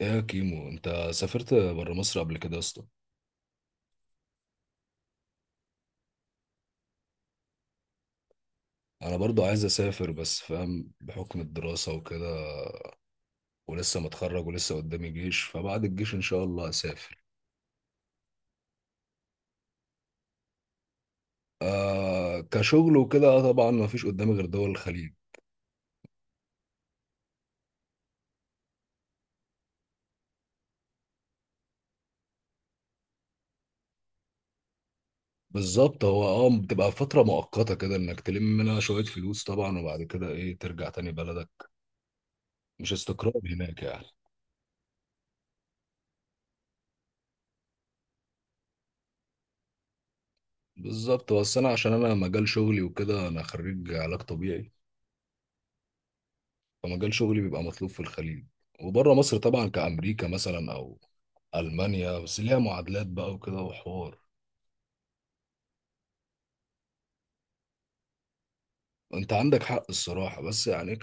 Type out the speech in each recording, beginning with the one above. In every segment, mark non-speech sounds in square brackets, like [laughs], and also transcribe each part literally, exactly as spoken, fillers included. ايه يا كيمو، انت سافرت بره مصر قبل كده يا اسطى؟ انا برضو عايز اسافر، بس فاهم بحكم الدراسة وكده. ولسه متخرج ولسه قدامي جيش، فبعد الجيش ان شاء الله اسافر. آه، كشغل وكده. آه طبعا ما فيش قدامي غير دول الخليج. بالظبط، هو اه بتبقى فترة مؤقتة كده انك تلم منها شوية فلوس طبعا، وبعد كده ايه، ترجع تاني بلدك. مش استقرار هناك يعني. بالظبط، بس انا عشان انا مجال شغلي وكده، انا خريج علاج طبيعي. فمجال شغلي بيبقى مطلوب في الخليج وبره مصر طبعا، كأمريكا مثلا أو ألمانيا، بس ليها معادلات بقى وكده وحوار. أنت عندك حق الصراحة، بس يعني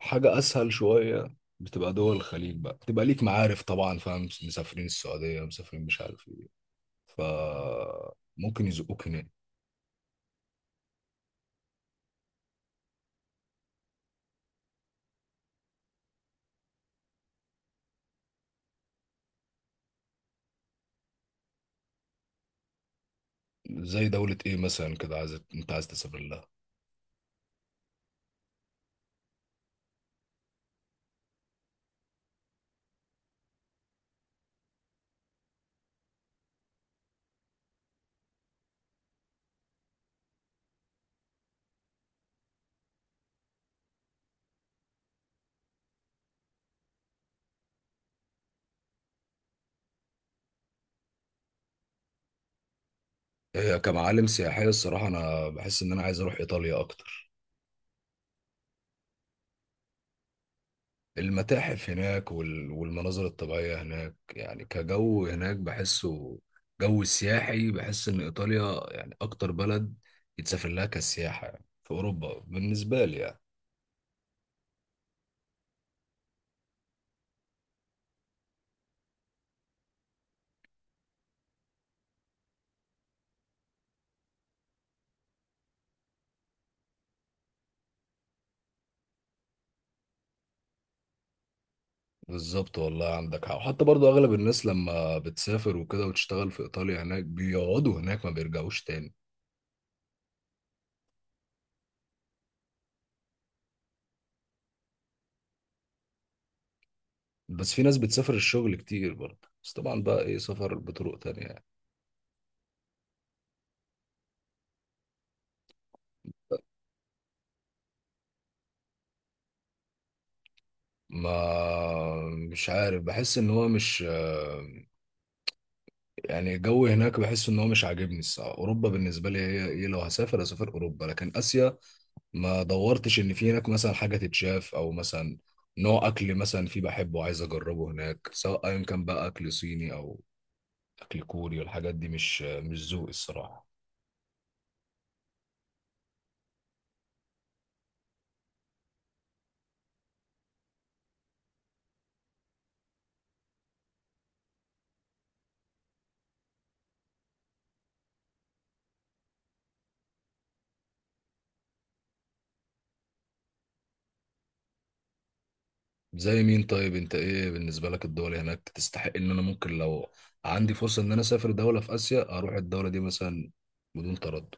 كحاجة أسهل شوية. بتبقى دول الخليج بقى بتبقى ليك معارف طبعا، فاهم؟ مسافرين السعودية، مسافرين مش عارف إيه، ف ممكن يزقوك هناك. زي دولة إيه مثلا كده عايز، أنت عايز تسافر لها؟ هي كمعالم سياحية الصراحة أنا بحس إن أنا عايز أروح إيطاليا أكتر. المتاحف هناك وال- والمناظر الطبيعية هناك، يعني كجو هناك بحسه جو السياحي. بحس إن إيطاليا يعني أكتر بلد يتسافر لها كسياحة يعني في أوروبا بالنسبة لي يعني. بالظبط والله، عندك حق. وحتى برضو أغلب الناس لما بتسافر وكده وتشتغل في إيطاليا هناك بيقعدوا هناك ما بيرجعوش تاني. بس في ناس بتسافر الشغل كتير برضه، بس طبعا بقى إيه، سفر بطرق تانية يعني. ما مش عارف، بحس إن هو مش، يعني الجو هناك بحس ان هو مش عاجبني الصراحه. اوروبا بالنسبه لي هي ايه، لو هسافر اسافر اوروبا، لكن اسيا ما دورتش ان في هناك مثلا حاجه تتشاف، او مثلا نوع اكل مثلا في بحبه عايز اجربه هناك، سواء ايا كان بقى اكل صيني او اكل كوري. والحاجات دي مش مش ذوقي الصراحه. زي مين طيب؟ انت ايه بالنسبه لك الدول هناك تستحق ان انا ممكن لو عندي فرصه ان انا اسافر دوله في اسيا اروح الدوله دي مثلا بدون تردد؟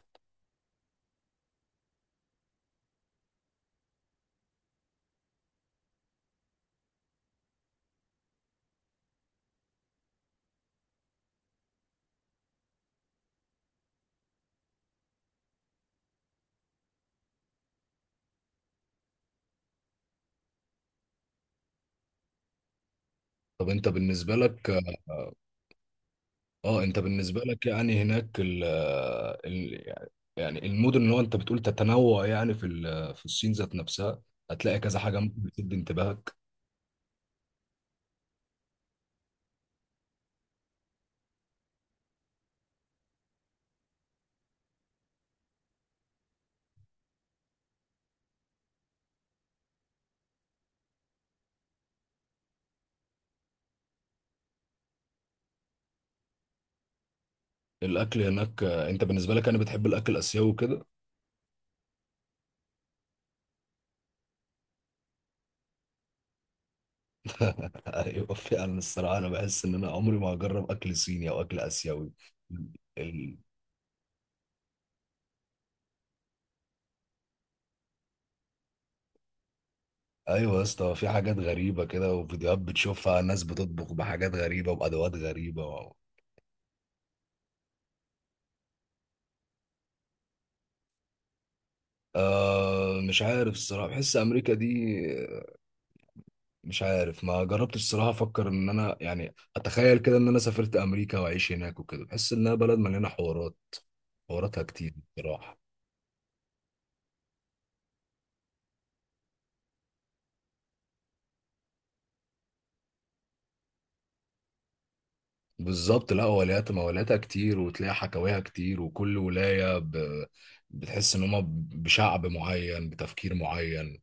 طب انت بالنسبه لك، اه انت بالنسبه لك يعني هناك ال ال يعني المدن اللي هو انت بتقول تتنوع يعني في ال- في الصين ذات نفسها هتلاقي كذا حاجه ممكن بتشد انتباهك. الاكل هناك آه، انت بالنسبه لك انا بتحب الاكل الاسيوي وكده؟ [laughs] ايوه فعلا الصراحه، انا بحس ان انا عمري ما هجرب اكل صيني او اكل اسيوي. ال... ايوه يا اسطى، في حاجات غريبه كده، وفيديوهات بتشوفها ناس بتطبخ بحاجات غريبه وبادوات غريبه و... آه مش عارف الصراحه، بحس امريكا دي، مش عارف ما جربتش الصراحه. افكر ان انا يعني، اتخيل كده ان انا سافرت امريكا واعيش هناك وكده، بحس انها بلد مليانه حوارات. حواراتها كتير بصراحه. بالظبط، لا ولايات مولاتها كتير وتلاقي حكاويها كتير، وكل ولايه ب... بتحس ان هما بشعب معين بتفكير معين.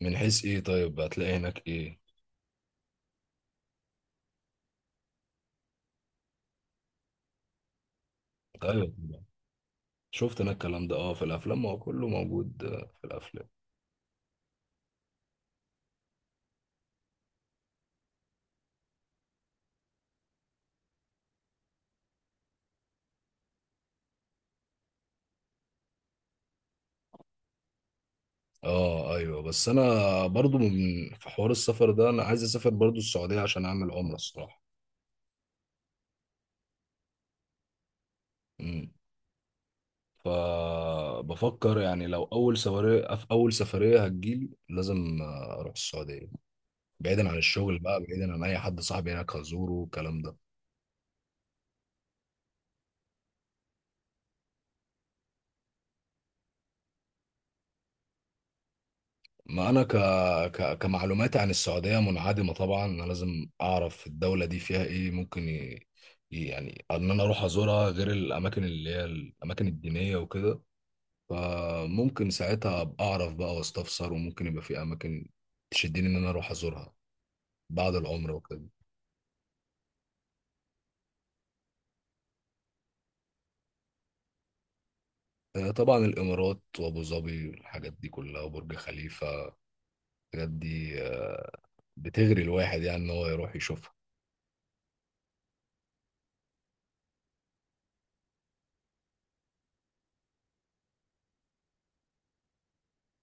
من حيث ايه طيب؟ هتلاقي هناك ايه؟ ايوه طبعاً. شفت انا الكلام ده، اه في الافلام ما هو كله موجود آه، في الافلام. اه ايوه، بس انا برضو من، في حوار السفر ده انا عايز اسافر برضو السعوديه عشان اعمل عمره الصراحه. امم، فبفكر يعني لو اول سفريه، في اول سفريه هتجيلي لازم اروح السعوديه. بعيدا عن الشغل بقى، بعيدا عن اي حد صاحبي هناك هزوره والكلام ده. ما انا ك... ك... كمعلوماتي عن السعوديه منعدمه طبعا. انا لازم اعرف الدوله دي فيها ايه، ممكن ي... ي- يعني ان انا اروح ازورها غير الاماكن اللي هي الاماكن الدينيه وكده. فممكن ساعتها ابقى اعرف بقى واستفسر، وممكن يبقى في اماكن تشدني ان انا اروح ازورها بعد العمره وكده. آه، طبعا الامارات وابو ظبي والحاجات دي كلها وبرج خليفه. الحاجات دي آه، بتغري الواحد يعني ان هو يروح يشوفها.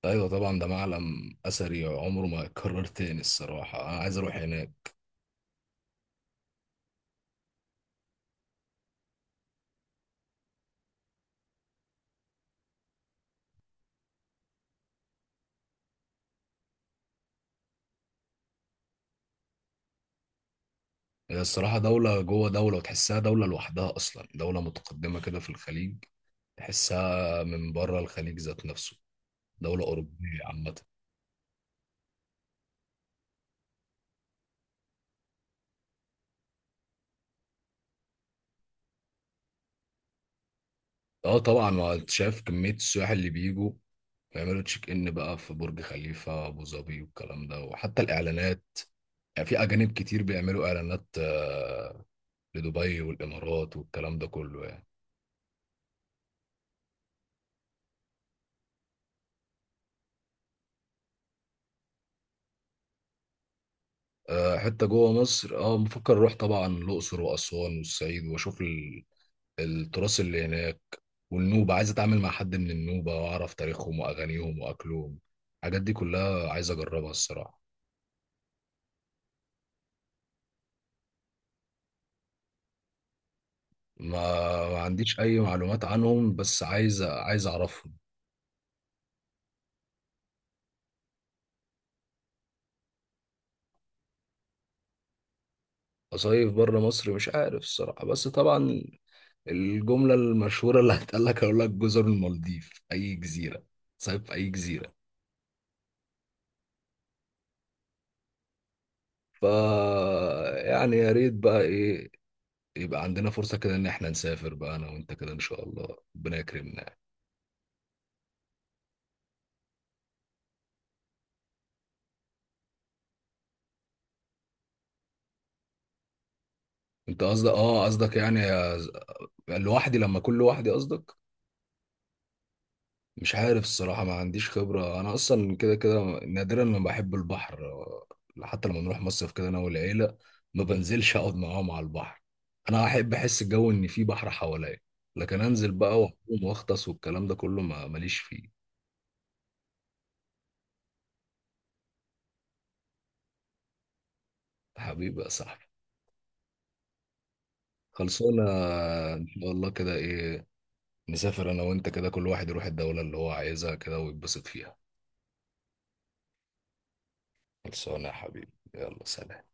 ايوه طبعا، ده معلم اثري عمره ما يتكرر تاني الصراحه. انا عايز اروح هناك. هي الصراحه دوله جوه دوله، وتحسها دوله لوحدها اصلا، دوله متقدمه كده في الخليج. تحسها من بره الخليج ذات نفسه، دوله اوروبيه عامه. اه طبعا، ما انت شايف كمية السياح اللي بيجوا بيعملوا تشيك ان بقى في برج خليفة، ابو ظبي والكلام ده. وحتى الاعلانات يعني في اجانب كتير بيعملوا اعلانات آه، لدبي والامارات والكلام ده كله يعني. آه، حتى جوه مصر اه بفكر اروح طبعا الاقصر واسوان والصعيد، واشوف ال- التراث اللي هناك. والنوبة، عايز اتعامل مع حد من النوبة واعرف تاريخهم واغانيهم واكلهم. الحاجات دي كلها عايز اجربها الصراحة. ما ما عنديش اي معلومات عنهم، بس عايز، عايز اعرفهم. أصيف بره مصر مش عارف الصراحة، بس طبعا الجملة المشهورة اللي هتقال لك هقول لك جزر المالديف، أي جزيرة صيف في أي جزيرة. ف يعني يا ريت بقى إيه، يبقى عندنا فرصة كده إن إحنا نسافر بقى أنا وأنت كده إن شاء الله ربنا يكرمنا. أنت قصدك، آه قصدك يعني يا- لوحدي، لما أكون لوحدي قصدك؟ مش عارف الصراحة، ما عنديش خبرة. أنا أصلا كده كده نادرا ما بحب البحر. حتى لما نروح مصيف كده أنا والعيلة، ما بنزلش أقعد معاهم على البحر. أنا أحب أحس الجو إن في بحر حواليا، لكن أنزل بقى وأقوم وأغطس والكلام ده كله ما ماليش فيه. حبيبي يا صاحبي، خلصونا. إن شاء الله كده إيه، نسافر أنا وأنت كده، كل واحد يروح الدولة اللي هو عايزها كده ويتبسط فيها. خلصونا يا حبيبي، يلا سلام.